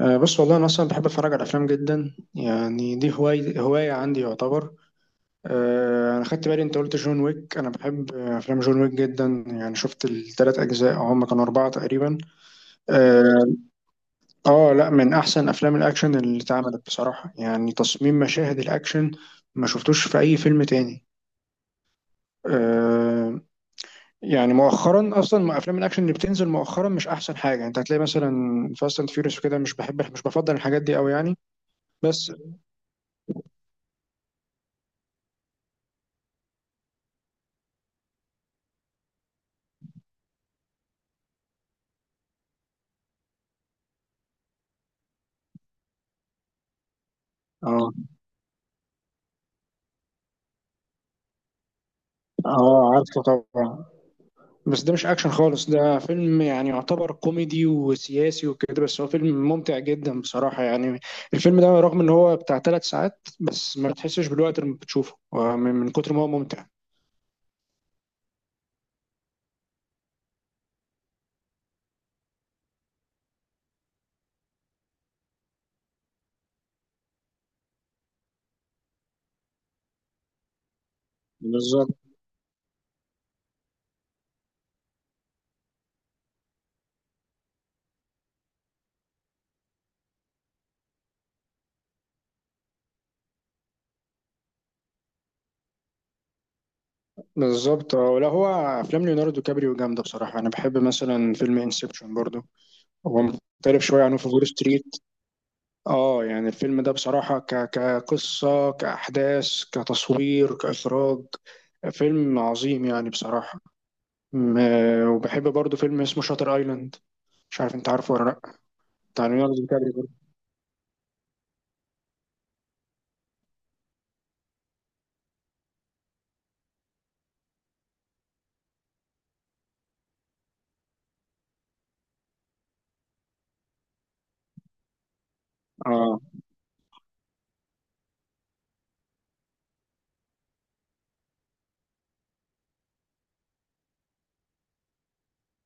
بص، والله أنا أصلا بحب أتفرج على الأفلام جدا، يعني دي هواية هواية عندي يعتبر. أنا خدت بالي أنت قلت جون ويك، أنا بحب أفلام جون ويك جدا، يعني شفت 3 أجزاء أو هما كانوا 4 تقريبا. أه آه لأ، من أحسن أفلام الأكشن اللي اتعملت بصراحة، يعني تصميم مشاهد الأكشن ما شفتوش في أي فيلم تاني. أه يعني مؤخرا اصلا افلام الاكشن اللي بتنزل مؤخرا مش احسن حاجه، يعني انت هتلاقي مثلا فاست اند فيوريوس وكده، مش بحب مش بفضل الحاجات دي قوي يعني. بس اه اه، عارفه طبعا. بس ده مش اكشن خالص، ده فيلم يعني يعتبر كوميدي وسياسي وكده، بس هو فيلم ممتع جدا بصراحة يعني. الفيلم ده رغم ان هو بتاع 3 ساعات بس ما بتحسش بالوقت لما بتشوفه، من كتر ما هو ممتع. بالظبط بالظبط، ولا هو. افلام ليوناردو كابريو جامدة بصراحة، انا بحب مثلا فيلم انسبشن برضو، هو مختلف شوية عن وولف ستريت. اه يعني الفيلم ده بصراحة كقصة كأحداث كتصوير كإخراج، فيلم عظيم يعني بصراحة. وبحب برضو فيلم اسمه شاتر ايلاند، مش عارف انت عارفه ولا لا. بتاع ليوناردو دي كابريو برضو. اه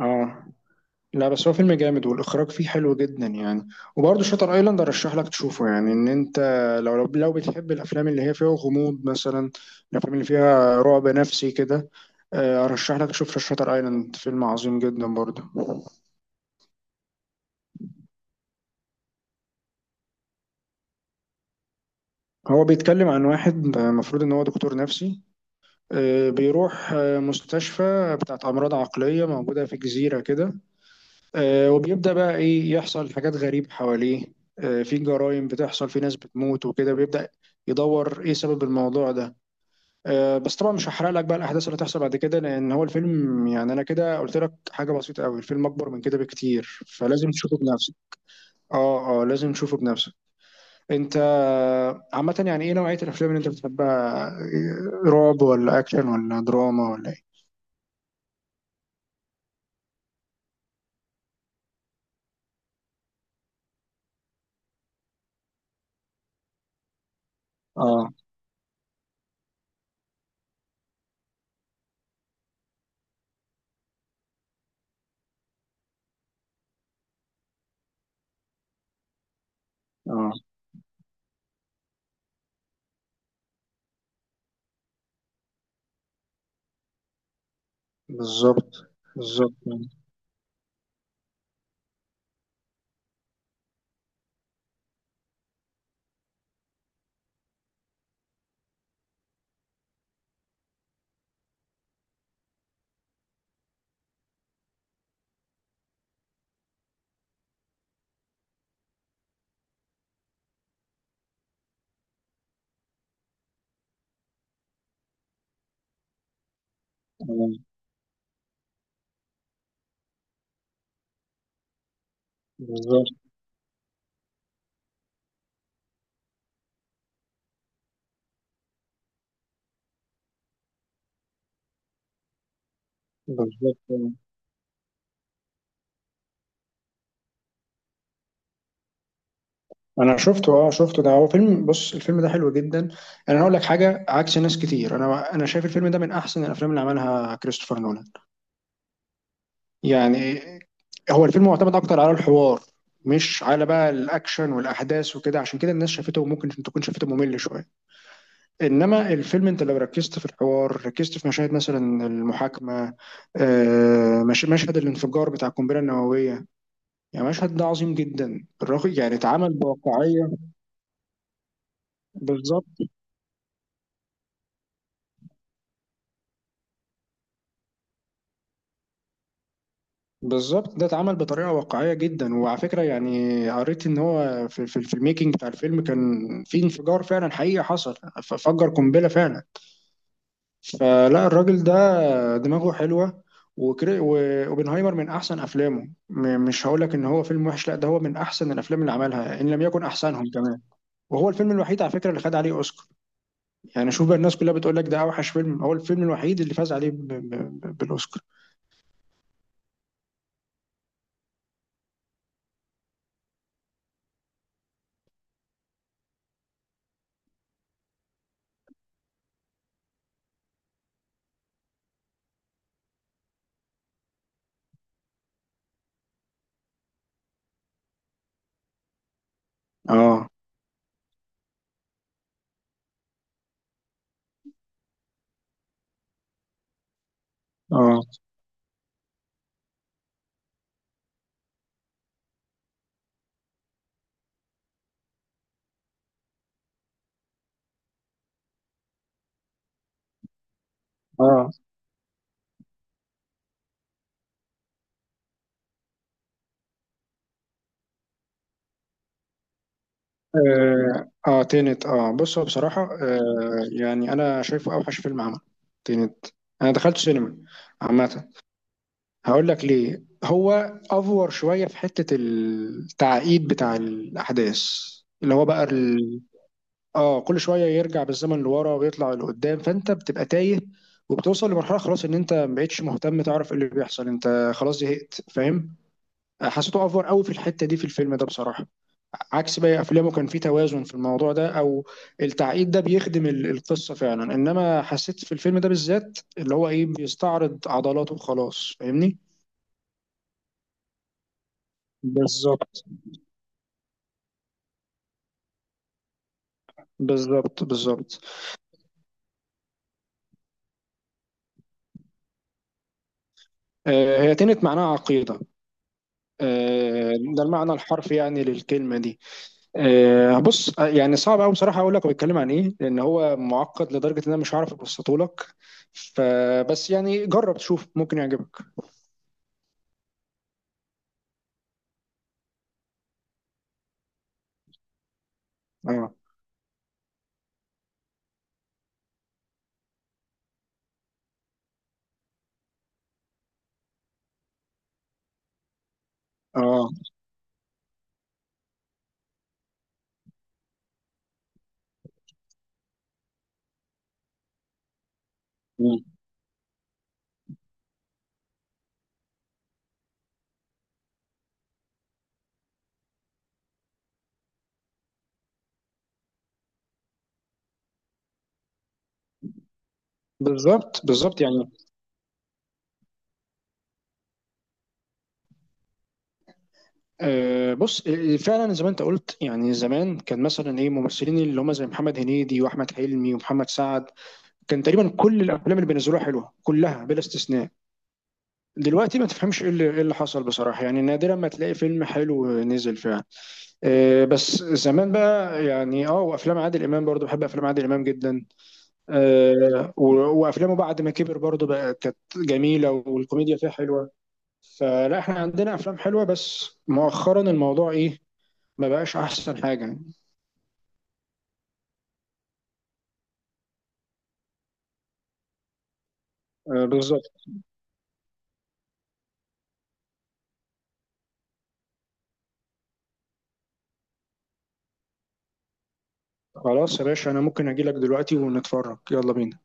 اه، لا بس هو فيلم جامد والاخراج فيه حلو جدا يعني. وبرضو شاتر ايلاند ارشح لك تشوفه، يعني ان انت لو بتحب الافلام اللي هي فيها غموض مثلا، الافلام اللي فيها رعب نفسي كده، ارشح لك تشوف شاتر ايلاند، فيلم عظيم جدا برضو. هو بيتكلم عن واحد المفروض ان هو دكتور نفسي، بيروح مستشفى بتاعت امراض عقلية موجودة في جزيرة كده. وبيبدأ بقى إيه يحصل حاجات غريبة حواليه، في جرائم بتحصل، في ناس بتموت وكده، بيبدأ يدور إيه سبب الموضوع ده. بس طبعا مش هحرق لك بقى الأحداث اللي هتحصل بعد كده، لأن هو الفيلم يعني أنا كده قلت لك حاجة بسيطة أوي، الفيلم أكبر من كده بكتير، فلازم تشوفه بنفسك. آه آه، لازم تشوفه بنفسك. أنت عامة يعني إيه نوعية الأفلام اللي أنت بتحبها، إيه، رعب ولا أكشن ولا دراما ولا إيه؟ آه آه بالظبط بالظبط. آه، بالظبط بالظبط. انا شفته اه شفته، ده هو فيلم، بص الفيلم ده حلو جدا. انا هقول لك حاجه عكس ناس كتير، انا شايف الفيلم ده من احسن الافلام اللي عملها كريستوفر نولان يعني. هو الفيلم معتمد اكتر على الحوار، مش على بقى الاكشن والاحداث وكده، عشان كده الناس شافته وممكن تكون شافته ممل شويه. انما الفيلم انت لو ركزت في الحوار، ركزت في مشاهد مثلا المحاكمه، مشهد الانفجار بتاع القنبله النوويه، يعني مشهد ده عظيم جدا الرغم يعني اتعمل بواقعيه. بالظبط بالظبط، ده اتعمل بطريقه واقعيه جدا. وعلى فكره يعني قريت ان هو في الميكنج بتاع الفيلم كان في انفجار فعلا حقيقي حصل. فجر قنبله فعلا. فلا الراجل ده دماغه حلوه. وبنهايمر من احسن افلامه. مش هقول لك ان هو فيلم وحش، لا ده هو من احسن الافلام اللي عملها ان لم يكن احسنهم كمان. وهو الفيلم الوحيد على فكره اللي خد عليه اوسكار. يعني شوف بقى الناس كلها بتقول لك ده اوحش فيلم، هو الفيلم الوحيد اللي فاز عليه بالاوسكار. اه اه اه اه، تينت. اه بص هو بصراحة يعني انا شايفه اوحش فيلم عمل تينت. انا دخلت سينما. عامة هقول لك ليه. هو افور شوية في حتة التعقيد بتاع الاحداث، اللي هو بقى اه كل شوية يرجع بالزمن لورا ويطلع لقدام، فانت بتبقى تايه، وبتوصل لمرحلة خلاص ان انت ما بقتش مهتم تعرف ايه اللي بيحصل، انت خلاص زهقت فاهم. حسيته افور قوي في الحتة دي في الفيلم ده بصراحة. عكس باقي افلامه كان في توازن في الموضوع ده، او التعقيد ده بيخدم القصه فعلا، انما حسيت في الفيلم ده بالذات اللي هو ايه بيستعرض عضلاته وخلاص فاهمني. بالظبط بالظبط بالظبط. هي تنت معناها عقيده. آه ده المعنى الحرفي يعني للكلمه دي. بص يعني صعب قوي بصراحه اقول لك هو بيتكلم عن ايه، لان هو معقد لدرجه ان انا مش هعرف ابسطه لك، فبس يعني جرب تشوف ممكن يعجبك. اه اه بالظبط بالظبط يعني. بص فعلا زي ما انت قلت، يعني زمان كان مثلا ايه ممثلين اللي هم زي محمد هنيدي واحمد حلمي ومحمد سعد، كان تقريبا كل الافلام اللي بينزلوها حلوه كلها بلا استثناء. دلوقتي ما تفهمش ايه اللي إيه اللي حصل بصراحه، يعني نادرا ما تلاقي فيلم حلو نزل فعلا. بس زمان بقى يعني، وافلام عادل امام برضو، بحب افلام عادل امام جدا. آه، و- وافلامه بعد ما كبر برضو بقى كانت جميله والكوميديا فيها حلوه. فلا احنا عندنا افلام حلوه، بس مؤخرا الموضوع ايه ما بقاش احسن حاجه. بالظبط. خلاص يا باشا، انا ممكن اجي لك دلوقتي ونتفرج، يلا بينا.